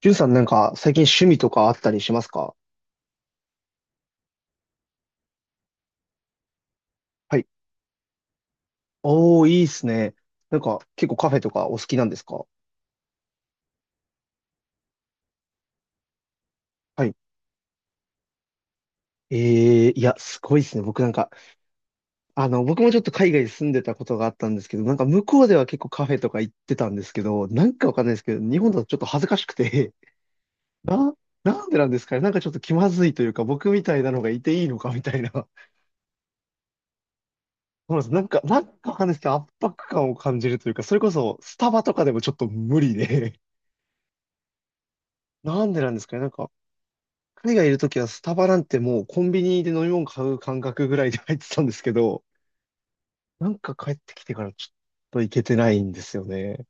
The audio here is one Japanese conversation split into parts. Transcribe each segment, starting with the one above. ジュンさんなんか最近趣味とかあったりしますか？はい。おー、いいっすね。なんか結構カフェとかお好きなんですか？はい。いや、すごいっすね。僕なんか、僕もちょっと海外に住んでたことがあったんですけど、なんか向こうでは結構カフェとか行ってたんですけど、なんかわかんないですけど、日本だとちょっと恥ずかしくて、な、なんでなんですかね。なんかちょっと気まずいというか、僕みたいなのがいていいのかみたいな。そうなんです。なんかわかんないですけど、圧迫感を感じるというか、それこそスタバとかでもちょっと無理で、なんでなんですかね。なんか、海外いるときはスタバなんてもうコンビニで飲み物買う感覚ぐらいで入ってたんですけど、なんか帰ってきてからちょっと行けてないんですよね。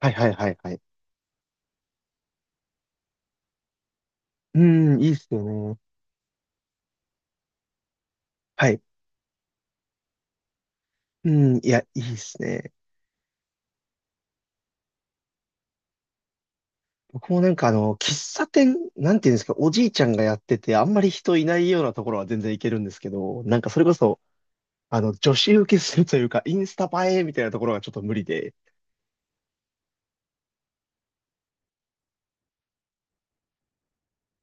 はいはいはいはい。うん、いいっすよね。はい。うん、いや、いいっすね。僕もなんか喫茶店、なんていうんですか、おじいちゃんがやってて、あんまり人いないようなところは全然行けるんですけど、なんかそれこそ、女子受けするというか、インスタ映えみたいなところがちょっと無理で、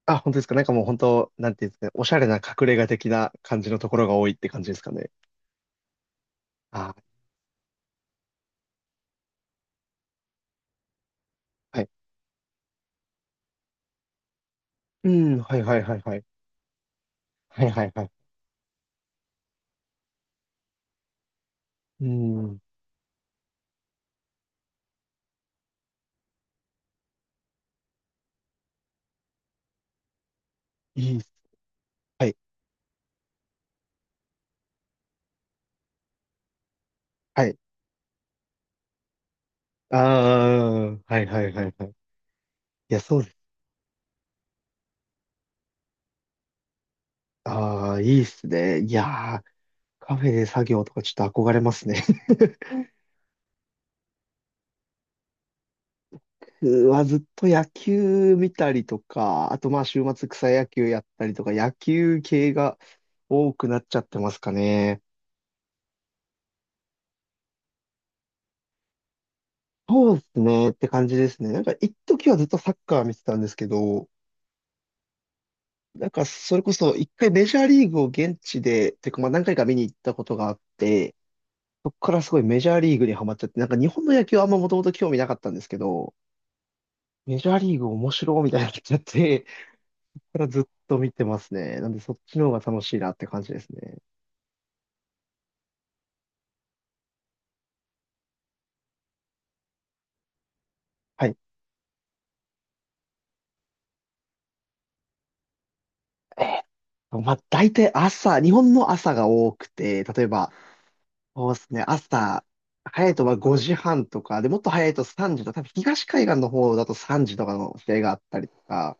あ、本当ですか。なんかもう本当、なんていうんですかね、おしゃれな隠れ家的な感じのところが多いって感じですかね。あー、はい。うん、はいはいはいはい。はいはいはい。うん、いいっす。はい、はい。ああ、はいはいはいはい。いや、そうです。ああ、いいっすね。いやー、カフェで作業とかちょっと憧れますね。うわ、ずっと野球見たりとか、あとまあ週末草野球やったりとか、野球系が多くなっちゃってますかね。そうですねって感じですね。なんか一時はずっとサッカー見てたんですけど、なんか、それこそ、一回メジャーリーグを現地で、てか、まあ何回か見に行ったことがあって、そこからすごいメジャーリーグにハマっちゃって、なんか日本の野球はあんまもともと興味なかったんですけど、メジャーリーグ面白いみたいになっちゃって、それからずっと見てますね。なんでそっちの方が楽しいなって感じですね。はい。えーっまあ大体朝、日本の朝が多くて、例えば、そうですね、朝、早いとまあ5時半とか、で、もっと早いと3時とか、多分東海岸の方だと3時とかの試合があったりとか、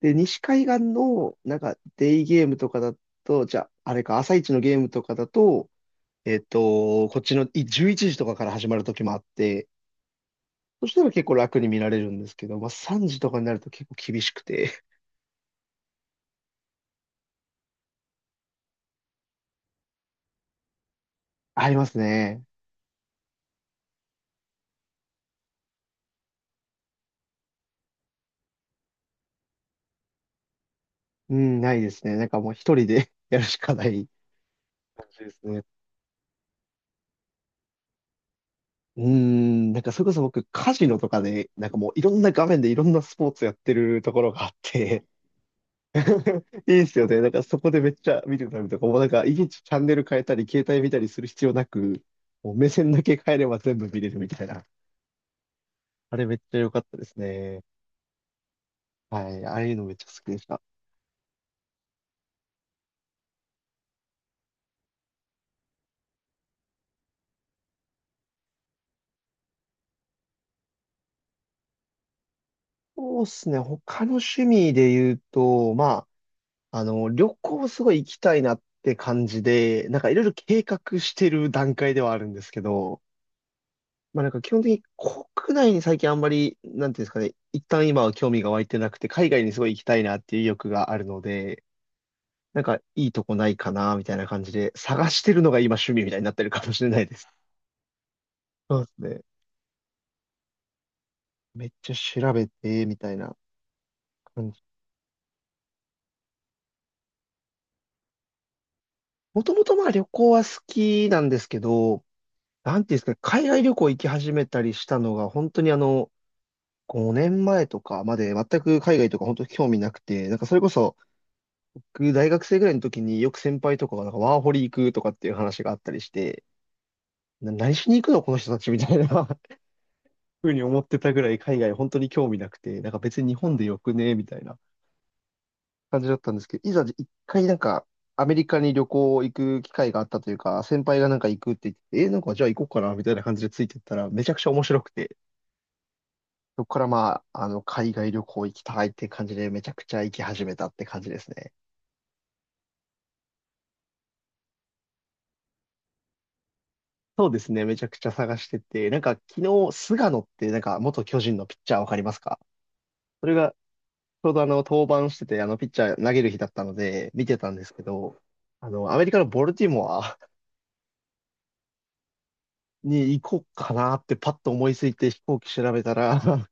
で、西海岸の、なんか、デイゲームとかだと、じゃあ、あれか、朝一のゲームとかだと、こっちの11時とかから始まる時もあって、そしたら結構楽に見られるんですけど、まあ、3時とかになると結構厳しくて、ありますね。うん、ないですね。なんかもう一人で やるしかない感じですね。うん、なんかそれこそ僕、カジノとかで、なんかもういろんな画面でいろんなスポーツやってるところがあって、いいっすよね。なんかそこでめっちゃ見てたりとか、もうなんか、いちいちチャンネル変えたり、携帯見たりする必要なく、もう目線だけ変えれば全部見れるみたいな。あれめっちゃ良かったですね。はい。ああいうのめっちゃ好きでした。そうっすね。他の趣味で言うと、まあ、旅行すごい行きたいなって感じで、なんかいろいろ計画してる段階ではあるんですけど、まあなんか基本的に国内に最近あんまり、なんていうんですかね、一旦今は興味が湧いてなくて、海外にすごい行きたいなっていう意欲があるので、なんかいいとこないかな、みたいな感じで、探してるのが今趣味みたいになってるかもしれないです。そうですね。めっちゃ調べて、みたいな感じ。もともとまあ旅行は好きなんですけど、なんていうんですかね、海外旅行行き始めたりしたのが、本当に5年前とかまで全く海外とか本当に興味なくて、なんかそれこそ、僕大学生ぐらいの時によく先輩とかがなんかワーホリ行くとかっていう話があったりして、何しに行くのこの人たちみたいな ふうに思ってたぐらい海外本当に興味なくて、なんか別に日本でよくね、みたいな感じだったんですけど、いざ一回なんかアメリカに旅行行く機会があったというか、先輩がなんか行くって言ってて、なんかじゃあ行こうかな、みたいな感じでついてったらめちゃくちゃ面白くて、そこからまあ、海外旅行行きたいって感じでめちゃくちゃ行き始めたって感じですね。そうですね、めちゃくちゃ探してて、なんか昨日、菅野ってなんか元巨人のピッチャーわかりますか？それがちょうど登板してて、ピッチャー投げる日だったので、見てたんですけど、アメリカのボルティモア に行こうかなってパッと思いついて飛行機調べたら、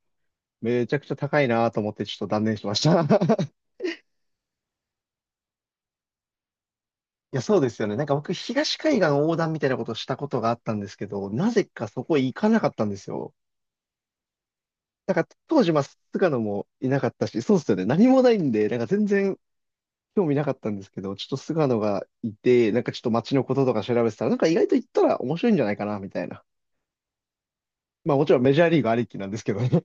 めちゃくちゃ高いなと思ってちょっと断念しました。いや、そうですよね。なんか僕、東海岸横断みたいなことをしたことがあったんですけど、なぜかそこ行かなかったんですよ。なんか当時、まあ、菅野もいなかったし、そうですよね。何もないんで、なんか全然興味なかったんですけど、ちょっと菅野がいて、なんかちょっと街のこととか調べてたら、なんか意外と行ったら面白いんじゃないかな、みたいな。まあもちろんメジャーリーグありきなんですけどね。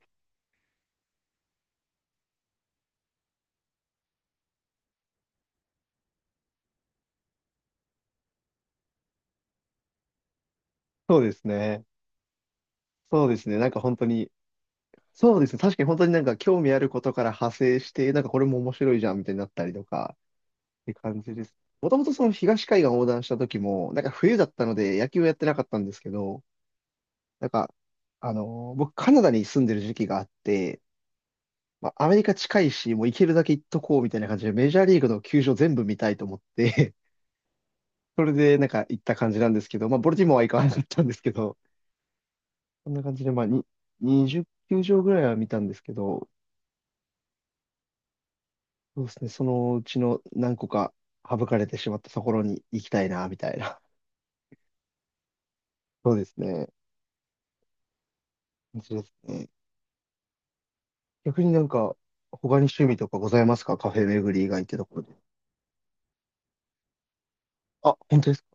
そうですね。そうですね。なんか本当に、そうですね。確かに本当になんか興味あることから派生して、なんかこれも面白いじゃん、みたいになったりとか、って感じです。もともとその東海岸横断した時も、なんか冬だったので野球をやってなかったんですけど、なんか、僕カナダに住んでる時期があって、まあ、アメリカ近いし、もう行けるだけ行っとこうみたいな感じで、メジャーリーグの球場全部見たいと思って それでなんか行った感じなんですけど、まあ、ボルティモアは行かなかったんですけど、こんな感じで、まあ、20球場ぐらいは見たんですけど、そうですね、そのうちの何個か省かれてしまったところに行きたいな、みたいな。そうですね。感じですね。逆になんか、他に趣味とかございますかカフェ巡り以外ってところで。あ、本当ですか？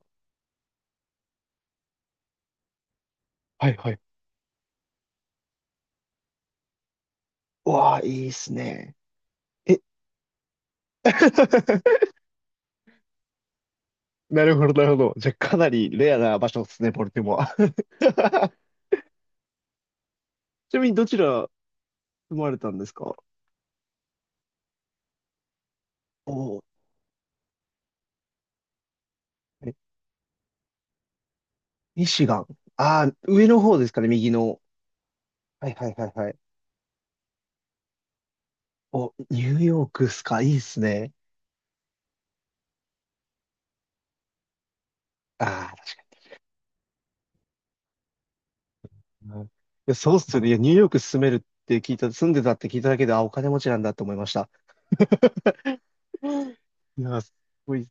はいはい。うわあ、いいっすね。え なるほど、なるほど。じゃあ、かなりレアな場所ですね、ボルテモア。ちなみに、どちら住まれたんですか？おおー、えミシガン。ああ、上の方ですかね、右の。はいはいはいはい。お、ニューヨークっすか、いいっすね。ああ、確かにな。いや、そうっすよね。いや、ニューヨーク住めるって聞いた、住んでたって聞いただけで、あ、お金持ちなんだと思いました。いや、すごい。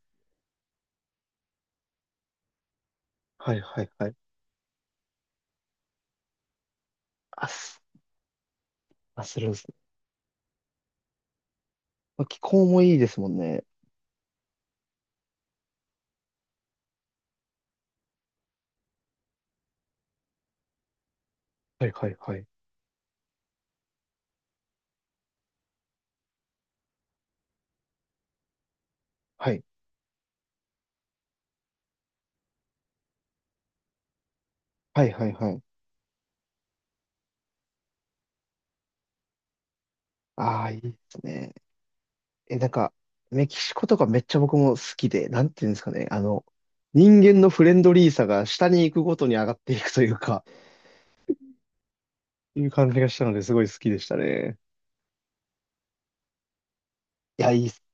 はいはいはい。あ、す、あ、するんですね。まあ気候もいいですもんね。はいはいはい。はい。はいはいはい。ああ、いいですね。え、なんか、メキシコとかめっちゃ僕も好きで、なんていうんですかね。人間のフレンドリーさが下に行くごとに上がっていくというか、いう感じがしたので、すごい好きでしたね。いや、いいっすね